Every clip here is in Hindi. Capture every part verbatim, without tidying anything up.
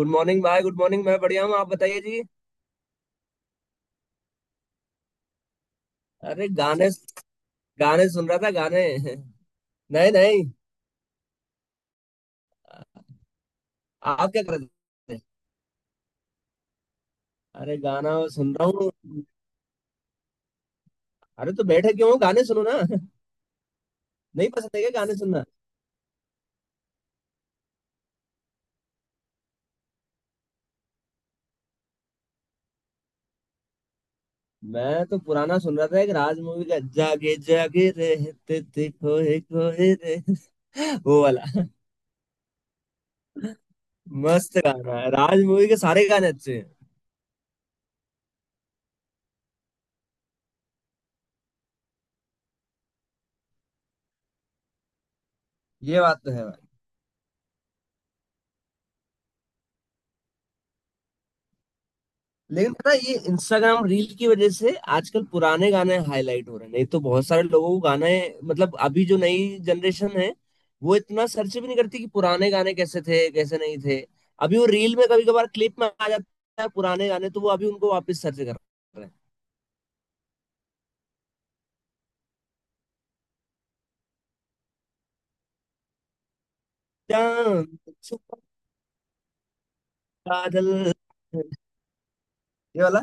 गुड मॉर्निंग भाई, गुड मॉर्निंग। मैं बढ़िया हूँ, आप बताइए जी। अरे गाने, गाने सुन रहा था गाने नहीं नहीं। आप क्या कर रहे थे? अरे गाना सुन रहा हूँ। अरे तो बैठे क्यों हो? गाने सुनो ना। नहीं पसंद है क्या गाने सुनना? मैं तो पुराना सुन रहा था, एक राज मूवी का, जागे जागे रहते थे खोए खोए रे वो वाला। मस्त गाना है, राज मूवी के सारे गाने अच्छे हैं। ये बात तो है। लेकिन ना, ये इंस्टाग्राम रील की वजह से आजकल पुराने गाने हाईलाइट हो रहे हैं, नहीं तो बहुत सारे लोगों को गाने मतलब, अभी जो नई जनरेशन है वो इतना सर्च भी नहीं करती कि पुराने गाने कैसे थे कैसे नहीं थे। अभी वो रील में कभी कभार क्लिप में आ जाता है पुराने गाने, तो वो अभी उनको वापस सर्च कर रहे हैं। चांद छुपा बादल। ये वाला।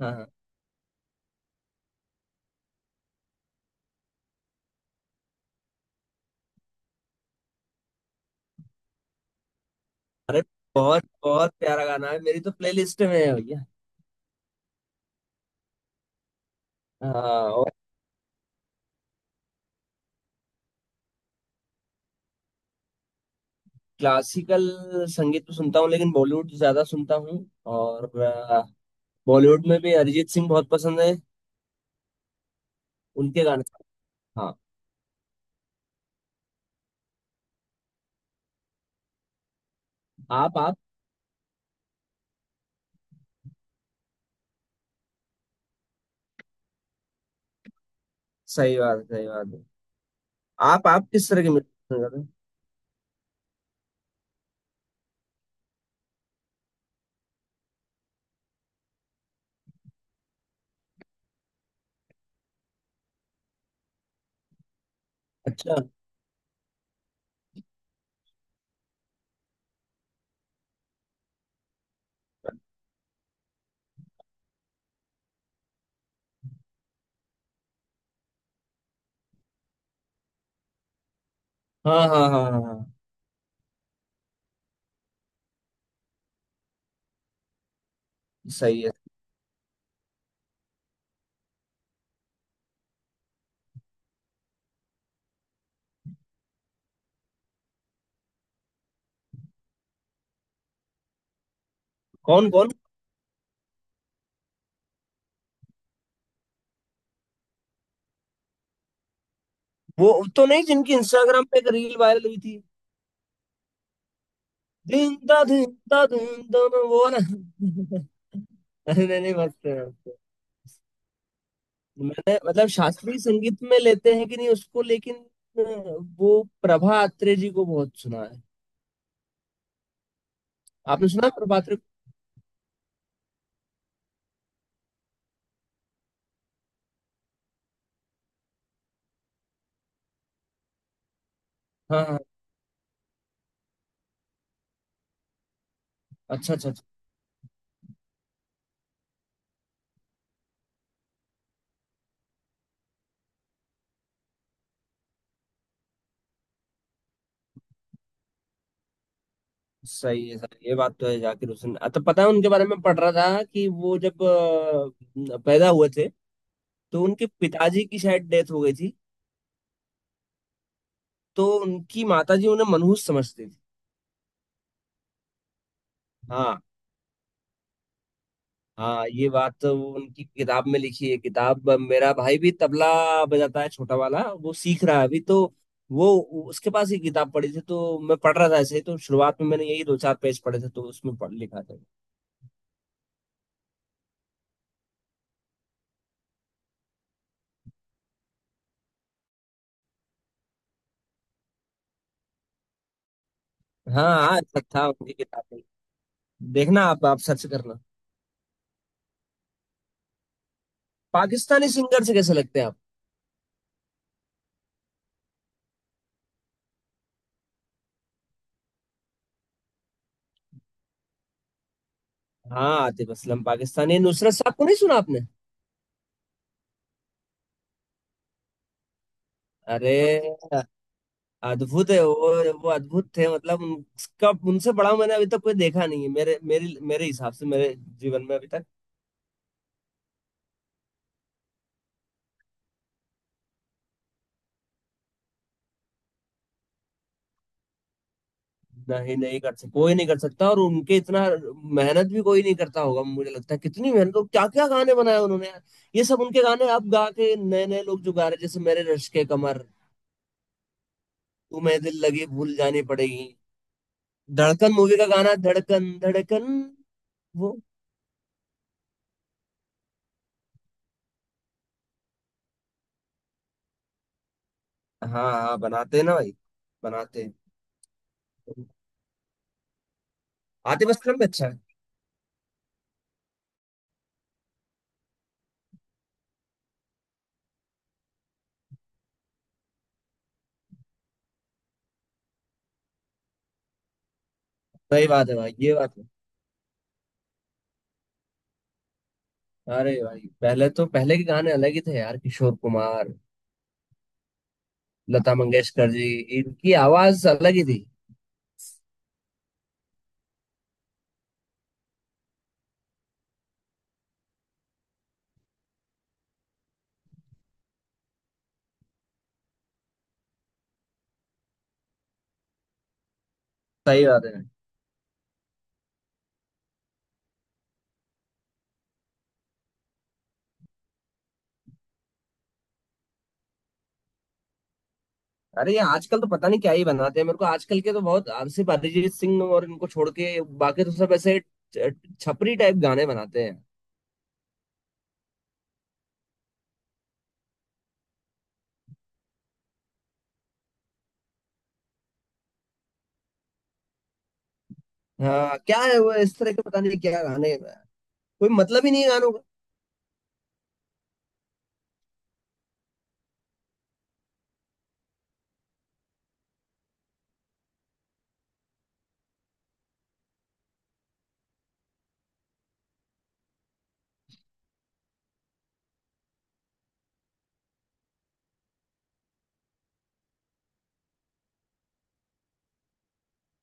हाँ हाँ। अरे बहुत बहुत प्यारा गाना है, मेरी तो प्लेलिस्ट में है भैया। हाँ। क्लासिकल संगीत तो सुनता हूँ, लेकिन बॉलीवुड ज्यादा सुनता हूँ। और अ, बॉलीवुड में भी अरिजीत सिंह बहुत पसंद है, उनके गाने। हाँ। आप आप सही बात है, सही बात है। आप आप किस तरह के म्यूजिक पसंद करते हैं? अच्छा। हाँ हाँ हाँ हाँ हाँ। सही है। कौन कौन? वो तो नहीं जिनकी इंस्टाग्राम पे एक रील वायरल हुई थी? दिन दा दिन दा दिन दा, वो वाला। अरे नहीं नहीं, मस्त है। मैंने मतलब शास्त्रीय संगीत में लेते हैं कि नहीं उसको, लेकिन अ, वो प्रभा अत्रे जी को बहुत सुना है। आपने सुना है प्रभा अत्रे को? हाँ हाँ। अच्छा अच्छा अच्छा। सही है सर, ये बात तो है। जाकिर हुसैन, अ, तो पता है, उनके बारे में पढ़ रहा था कि वो जब अ, पैदा हुए थे तो उनके पिताजी की शायद डेथ हो गई थी, तो उनकी माताजी उन्हें मनहूस समझती थी। हाँ हाँ, ये बात तो वो उनकी किताब में लिखी है। किताब, मेरा भाई भी तबला बजाता है छोटा वाला, वो सीख रहा है अभी तो वो, उसके पास ये किताब पड़ी थी तो मैं पढ़ रहा था ऐसे ही, तो शुरुआत में मैंने यही दो चार पेज पढ़े थे, तो उसमें पढ़ लिखा था। हाँ हाँ, अच्छा था उनकी किताब में, देखना आप आप सर्च करना। पाकिस्तानी सिंगर से कैसे लगते हैं आप? हाँ, आतिफ असलम पाकिस्तानी। नुसरत साहब को नहीं सुना आपने? अरे अद्भुत है वो वो अद्भुत थे। मतलब उनका, उनसे बड़ा मैंने अभी तक कोई देखा नहीं है, मेरे मेरे मेरे हिसाब से मेरे जीवन में अभी तक। नहीं नहीं कर सकता, कोई नहीं कर सकता, और उनके इतना मेहनत भी कोई नहीं करता होगा मुझे लगता है। कितनी मेहनत, और क्या क्या गाने बनाए उन्होंने यार। ये सब उनके गाने अब गा के नए नए लोग जो गा रहे हैं, जैसे मेरे रश्क के कमर, तुम्हें दिल लगी भूल जानी पड़ेगी, धड़कन मूवी का गाना धड़कन धड़कन, वो। हाँ हाँ बनाते हैं ना भाई, बनाते हैं। आतिफ असलम भी अच्छा है। सही बात है भाई, ये बात है। अरे भाई पहले तो, पहले के गाने अलग ही थे यार, किशोर कुमार, लता मंगेशकर जी, इनकी आवाज अलग ही थी। सही बात है। अरे ये आजकल तो पता नहीं क्या ही बनाते हैं, मेरे को आजकल के तो बहुत, सिर्फ अरिजीत सिंह और इनको छोड़ के बाकी तो सब ऐसे छ- छपरी टाइप गाने बनाते हैं। हाँ क्या है वो, इस तरह के पता नहीं क्या गाने, कोई मतलब ही नहीं है गानों का।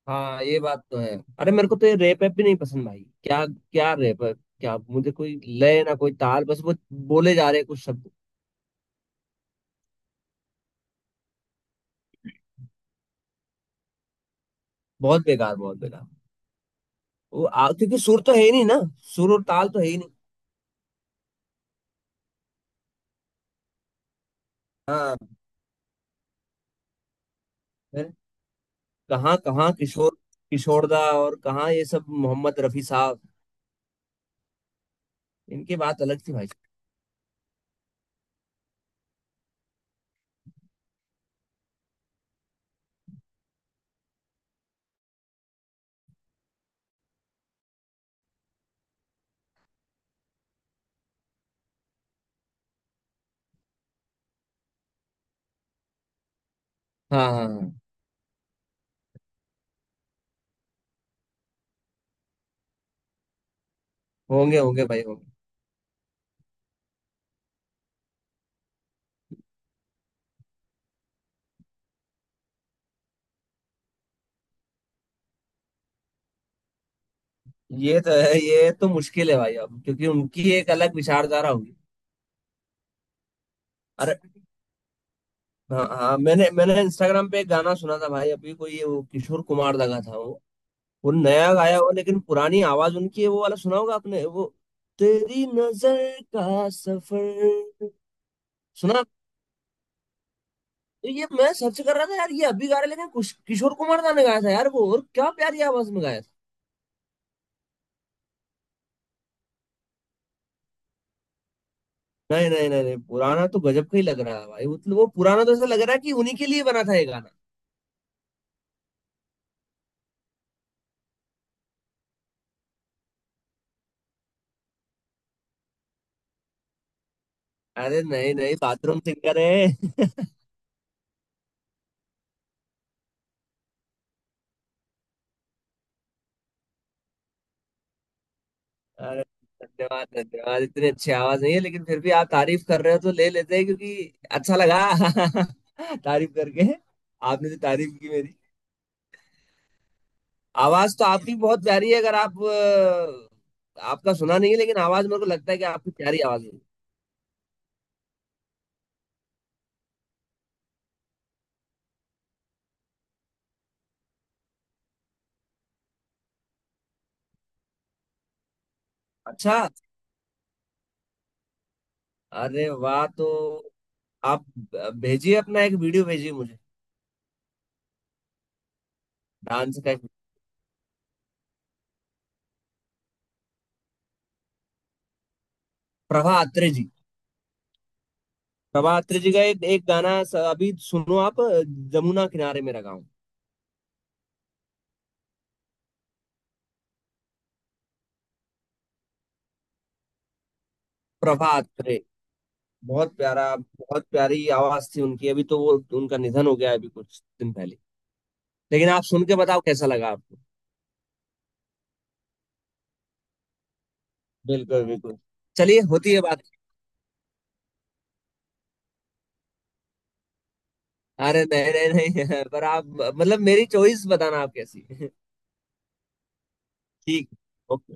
हाँ ये बात तो है। अरे मेरे को तो ये रैप भी नहीं पसंद भाई, क्या क्या रैप क्या, मुझे कोई लय ना कोई ताल, बस वो बोले जा रहे हैं कुछ शब्द। बहुत बेकार, बहुत बेकार। वो आ, क्योंकि सुर तो है ही नहीं ना, सुर और ताल तो है ही नहीं। हाँ। फिर कहाँ कहाँ किशोर, किशोरदा, और कहाँ ये सब, मोहम्मद रफी साहब, इनकी बात अलग थी भाई। हाँ हाँ हाँ। होंगे होंगे भाई, होंगे। ये तो है, ये तो मुश्किल है भाई अब, क्योंकि उनकी एक अलग विचारधारा होगी। अरे हाँ हाँ, मैंने मैंने इंस्टाग्राम पे एक गाना सुना था भाई अभी, कोई ये वो किशोर कुमार लगा था, वो वो नया गाया हुआ, लेकिन पुरानी आवाज उनकी है, वो वाला सुना होगा आपने, वो तेरी नजर का सफर। सुना? तो ये मैं सर्च कर रहा था यार, ये अभी गा रहे, लेकिन कुश- किशोर कुमार दा ने गाया था यार वो, और क्या प्यारी आवाज में गाया था। नहीं नहीं नहीं नहीं, पुराना तो गजब का ही लग रहा है भाई, मतलब वो पुराना तो ऐसा लग रहा है कि उन्हीं के लिए बना था ये गाना। अरे नहीं नहीं, बाथरूम सिंगर है। अरे धन्यवाद, धन्यवाद। इतनी अच्छी आवाज नहीं है, लेकिन फिर भी आप तारीफ कर रहे हो तो ले लेते हैं, क्योंकि अच्छा लगा तारीफ करके, आपने जो तारीफ की मेरी। आवाज तो आपकी बहुत प्यारी है, अगर आप अ, आपका सुना नहीं है, लेकिन आवाज मेरे को लगता है कि आपकी प्यारी आवाज है। अच्छा। अरे वाह, तो आप भेजिए, अपना एक वीडियो भेजिए मुझे, डांस का एक। प्रभा अत्रे जी। प्रभा अत्रे जी का एक, एक गाना स- अभी सुनो आप, जमुना किनारे मेरा गाँव। प्रभा अत्रे, बहुत प्यारा, बहुत प्यारी आवाज थी उनकी। अभी तो वो, उनका निधन हो गया है अभी कुछ दिन पहले। लेकिन आप सुन के बताओ कैसा लगा आपको। बिल्कुल बिल्कुल। चलिए, होती है बात। अरे नहीं नहीं नहीं पर आप मतलब मेरी चॉइस बताना आप कैसी है। ठीक। ओके।